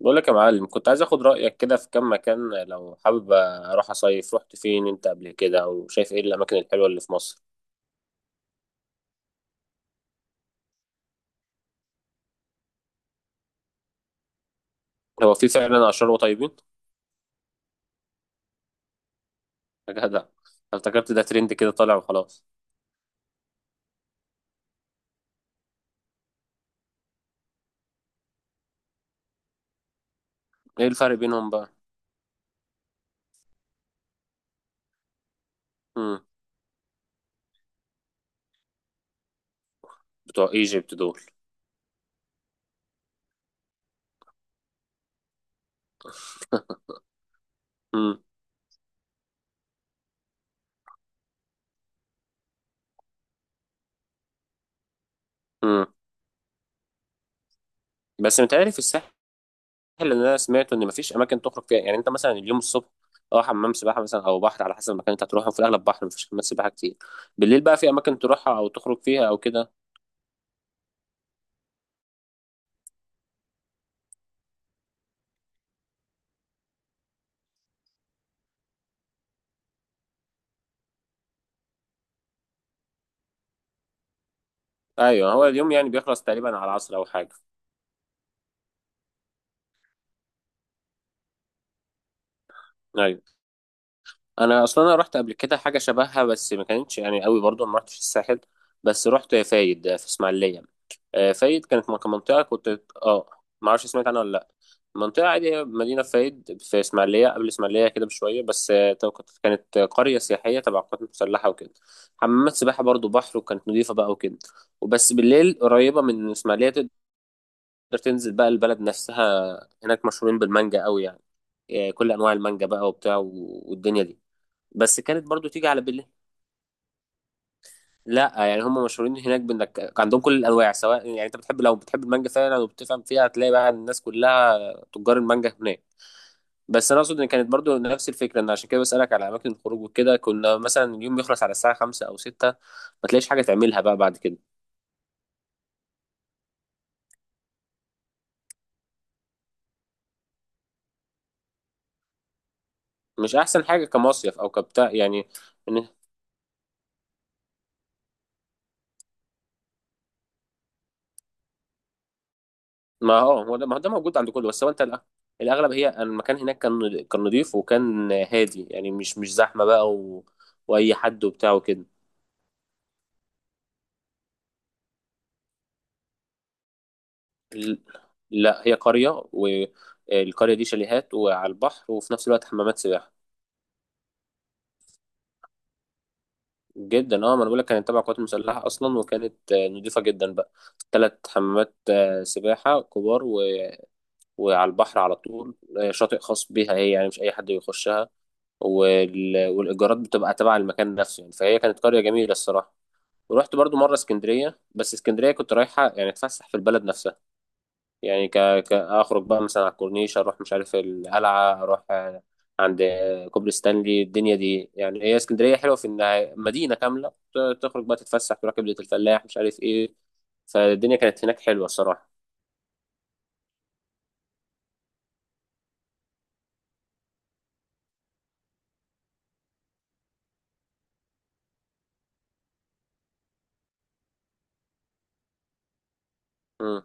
بقول لك يا معلم، كنت عايز اخد رأيك كده في كام مكان لو حابب اروح اصيف. رحت فين انت قبل كده وشايف ايه الاماكن الحلوة اللي في مصر؟ هو في فعلا اشرار وطيبين؟ يا جدع. افتكرت ده ترند كده طالع وخلاص. ايه الفرق بينهم بقى؟ امم. بتوع ايجيبت دول؟ امم. امم. بس متهيألي في الساحل اللي انا سمعته ان مفيش اماكن تخرج فيها، يعني انت مثلا اليوم الصبح اه حمام سباحة مثلا او بحر على حسب المكان اللي انت هتروحه، في الاغلب بحر مفيش حمامات سباحة كتير. بالليل بقى في اماكن تروحها او تخرج فيها او كده؟ ايوه، هو اليوم يعني بيخلص تقريبا على العصر او حاجة. ايوه. انا اصلا رحت قبل كده حاجه شبهها بس ما كانتش يعني قوي، برضو ما رحتش الساحل. بس رحت فايد في اسماعيليه. فايد كانت كمنطقه كنت ما اعرفش سمعت عنها ولا لا. منطقه عاديه، مدينه فايد في اسماعيليه قبل اسماعيليه كده بشويه، بس كانت قريه سياحيه تبع القوات المسلحه وكده. حمامات سباحه برضو بحر وكانت نظيفه بقى وكده. وبس بالليل قريبه من اسماعيليه تقدر تنزل بقى البلد نفسها. هناك مشهورين بالمانجا قوي يعني. كل انواع المانجا بقى وبتاع والدنيا دي. بس كانت برضو تيجي على بالليل. لا يعني هم مشهورين هناك بانك عندهم كل الانواع، سواء يعني انت بتحب المانجا فعلا وبتفهم فيها هتلاقي بقى الناس كلها تجار المانجا هناك. بس انا اقصد ان كانت برضو نفس الفكره، ان عشان كده بسالك على اماكن الخروج وكده، كنا مثلا اليوم بيخلص على الساعه 5 او 6، ما تلاقيش حاجه تعملها بقى بعد كده. مش احسن حاجه كمصيف او كبتاع يعني. إن- ما هو ده موجود عند كله، بس هو انت الاغلب، هي أن المكان هناك كان نضيف وكان هادي، يعني مش زحمه بقى واي حد وبتاع وكده. ل- لا، هي قرية والقرية دي شاليهات وعلى البحر وفي نفس الوقت حمامات سباحة. جدا، اه، ما انا بقول لك كانت تبع القوات المسلحة اصلا، وكانت نضيفة جدا بقى. ثلاث حمامات سباحة كبار وعلى البحر على طول. شاطئ خاص بيها هي، يعني مش اي حد بيخشها. والايجارات بتبقى تبع المكان نفسه، يعني فهي كانت قرية جميلة الصراحة. ورحت برضو مرة اسكندرية، بس اسكندرية كنت رايحة يعني اتفسح في البلد نفسها. يعني اخرج بقى مثلا على الكورنيش، اروح مش عارف القلعه، اروح عند كوبري ستانلي الدنيا دي، يعني هي اسكندريه حلوه في انها مدينه كامله. تخرج بقى تتفسح، تروح كبده الفلاح مش عارف ايه. فالدنيا كانت هناك حلوه الصراحه. امم.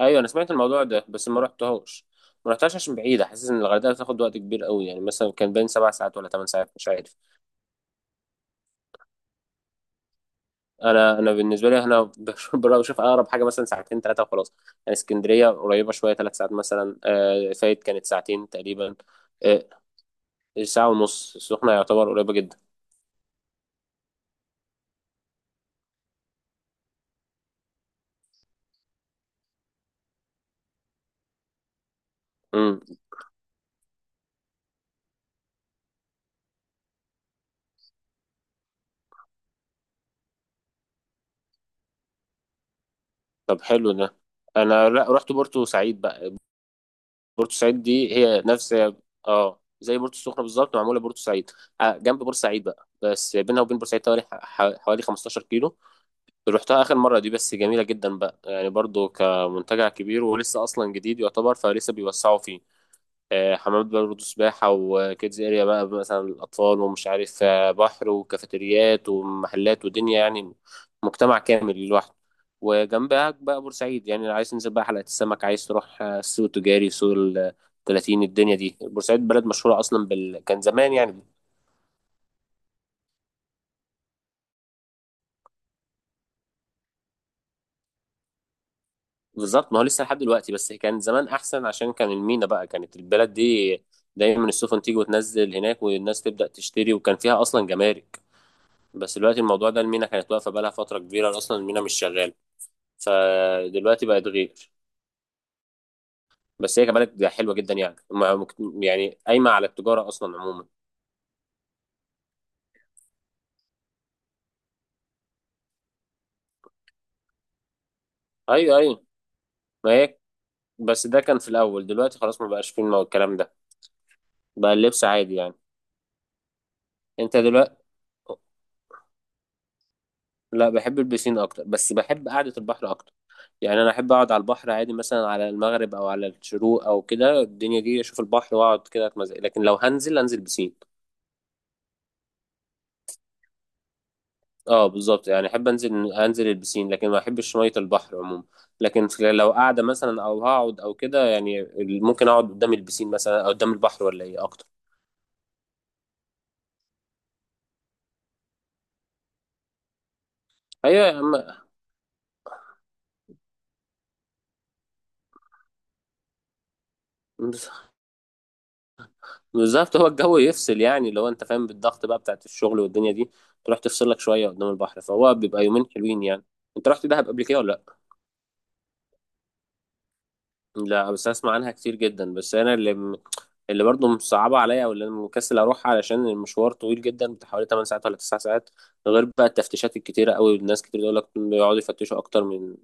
ايوه انا سمعت الموضوع ده بس ما رحتهاش. ما رحتهاش عشان بعيده، حاسس ان الغردقه بتاخد وقت كبير قوي، يعني مثلا كان بين 7 ساعات ولا 8 ساعات، مش عارف. انا بالنسبه لي انا بشوف اقرب حاجه مثلا ساعتين ثلاثه وخلاص. يعني اسكندريه قريبه شويه، 3 ساعات مثلا، فايت كانت ساعتين تقريبا. آه، ساعه ونص السخنه يعتبر قريبه جدا. امم. طب حلو ده. انا لا، رحت بورتو سعيد بقى. بورتو سعيد دي هي نفس، اه، زي بورتو السخنه بالظبط، معموله بورتو سعيد جنب بورسعيد سعيد بقى، بس بينها وبين بورسعيد حوالي 15 كيلو. رحتها اخر مره دي بس جميله جدا بقى، يعني برضو كمنتجع كبير ولسه اصلا جديد يعتبر فلسه بيوسعوا فيه. حمامات برضه سباحة وكيدز اريا بقى مثلا الأطفال، ومش عارف بحر وكافيتريات ومحلات ودنيا، يعني مجتمع كامل لوحده. وجنبها بقى بورسعيد، يعني عايز تنزل بقى حلقة السمك، عايز تروح السوق التجاري، سوق ال 30 الدنيا دي. بورسعيد بلد مشهورة أصلا كان زمان يعني. بالظبط، ما هو لسه لحد دلوقتي، بس كان زمان أحسن عشان كان المينا بقى كانت البلد دي دايما السفن تيجي وتنزل هناك، والناس تبدأ تشتري، وكان فيها أصلا جمارك. بس دلوقتي الموضوع ده المينا كانت واقفة بقالها فترة كبيرة، أصلا المينا مش شغالة. فدلوقتي بقت غير. بس هي كبلد حلوة جدا يعني يعني قايمة على التجارة أصلا عموما. أيوه، أيوه. ما هي، بس ده كان في الأول، دلوقتي خلاص ما بقاش فيه الكلام ده، بقى اللبس عادي يعني. أنت دلوقتي؟ لا، بحب البسين أكتر، بس بحب قعدة البحر أكتر. يعني أنا أحب أقعد على البحر عادي، مثلا على المغرب أو على الشروق أو كده الدنيا دي، أشوف البحر وأقعد كده أتمزق، لكن لو هنزل أنزل بسين. اه، بالظبط، يعني احب انزل البسين، لكن ما احبش ميه البحر عموما. لكن لو قاعده مثلا او هقعد او كده، يعني ممكن اقعد قدام البسين مثلا او قدام البحر ولا ايه اكتر. ايوه بالظبط، هو الجو يفصل، يعني لو انت فاهم بالضغط بقى بتاعت الشغل والدنيا دي، تروح تفصل لك شويه قدام البحر، فهو بيبقى يومين حلوين يعني. انت رحت دهب قبل كده ولا لا؟ لا، بس اسمع عنها كتير جدا، بس انا اللي اللي برضه مصعبه عليا، او اللي انا مكسل اروح علشان المشوار طويل جدا بتاع حوالي 8 ساعات ولا 9 ساعات، غير بقى التفتيشات الكتيره قوي، الناس كتير بيقول لك بيقعدوا يفتشوا اكتر من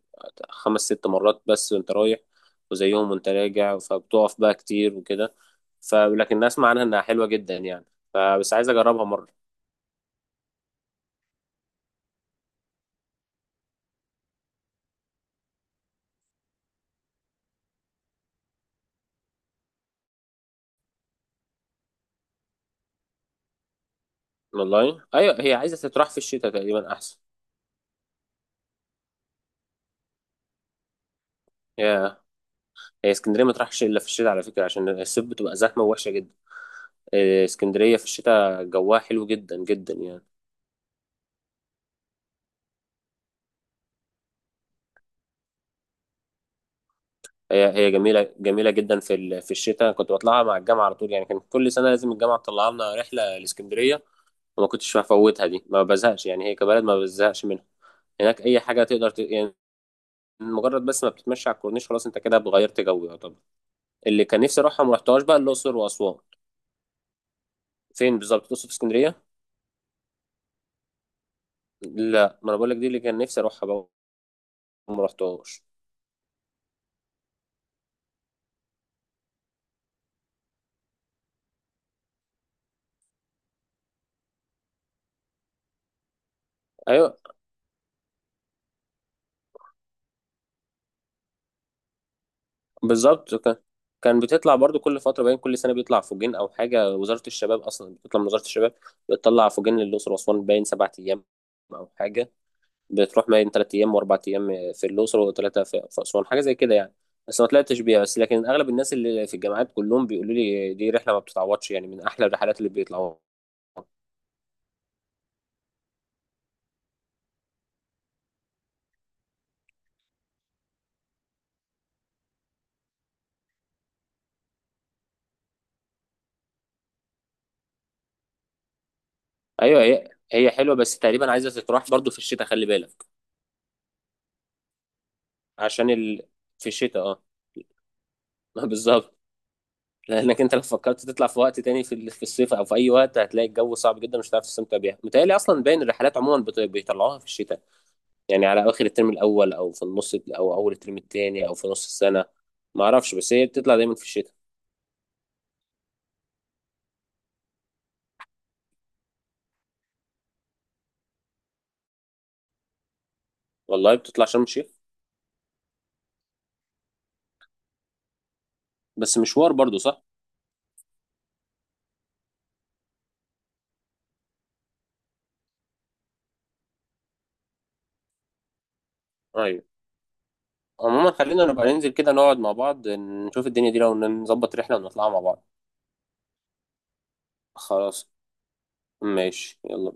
خمس ست مرات بس وانت رايح، وزيهم وانت راجع، فبتقف بقى كتير وكده. ف لكن الناس اسمع عنها انها حلوه جدا يعني، فبس عايز اجربها مره. والله ايوه، هي عايزه تتراح في الشتاء تقريبا احسن. هي هي اسكندريه ما تروحش الا في الشتاء على فكره عشان الصيف بتبقى زحمه ووحشه جدا. إيه، اسكندرية في الشتاء جواها حلو جدا جدا يعني. هي جميلة جميلة جدا في في الشتاء، كنت بطلعها مع الجامعة على طول، يعني كان كل سنة لازم الجامعة تطلع لنا رحلة لاسكندرية. وما كنتش هفوتها دي، ما بزهقش يعني هي كبلد ما بزهقش منها. هناك أي حاجة تقدر يعني مجرد بس ما بتتمشى على الكورنيش خلاص أنت كده غيرت جو يعتبر. اللي كان نفسي أروحها ما رحتهاش بقى الأقصر وأسوان. فين بالظبط الأقصر في اسكندرية؟ لا، ما أنا بقول لك دي اللي كان نفسي أروحها بقى وما رحتهاش. ايوه، بالظبط. كان بتطلع برضو كل فترة، باين كل سنة بيطلع فوجين أو حاجة، وزارة الشباب أصلا بتطلع، من وزارة الشباب بتطلع فوجين للأقصر وأسوان، باين 7 أيام أو حاجة. بتروح باين 3 أيام وأربع أيام في الأقصر، وتلاتة في أسوان، حاجة زي كده يعني. بس ما طلعتش بيها، بس لكن أغلب الناس اللي في الجامعات كلهم بيقولوا لي دي رحلة ما بتتعوضش يعني، من أحلى الرحلات اللي بيطلعوها. أيوه، هي حلوة، بس تقريبا عايزة تتراح برضو في الشتاء، خلي بالك. عشان في الشتاء بالظبط. لانك انت لو فكرت تطلع في وقت تاني، في في الصيف او في اي وقت، هتلاقي الجو صعب جدا مش هتعرف تستمتع بيها، متهيألي اصلا باين الرحلات عموما بيطلعوها في الشتاء. يعني على اواخر الترم الاول او في النص او اول الترم التاني او في نص السنه، ما اعرفش، بس هي بتطلع دايما في الشتاء. والله بتطلع شرم الشيخ؟ بس مشوار برضو صح. ايوه. عموما خلينا نبقى ننزل كده نقعد مع بعض نشوف الدنيا دي، لو نظبط رحله ونطلعها مع بعض. خلاص. ماشي، يلا.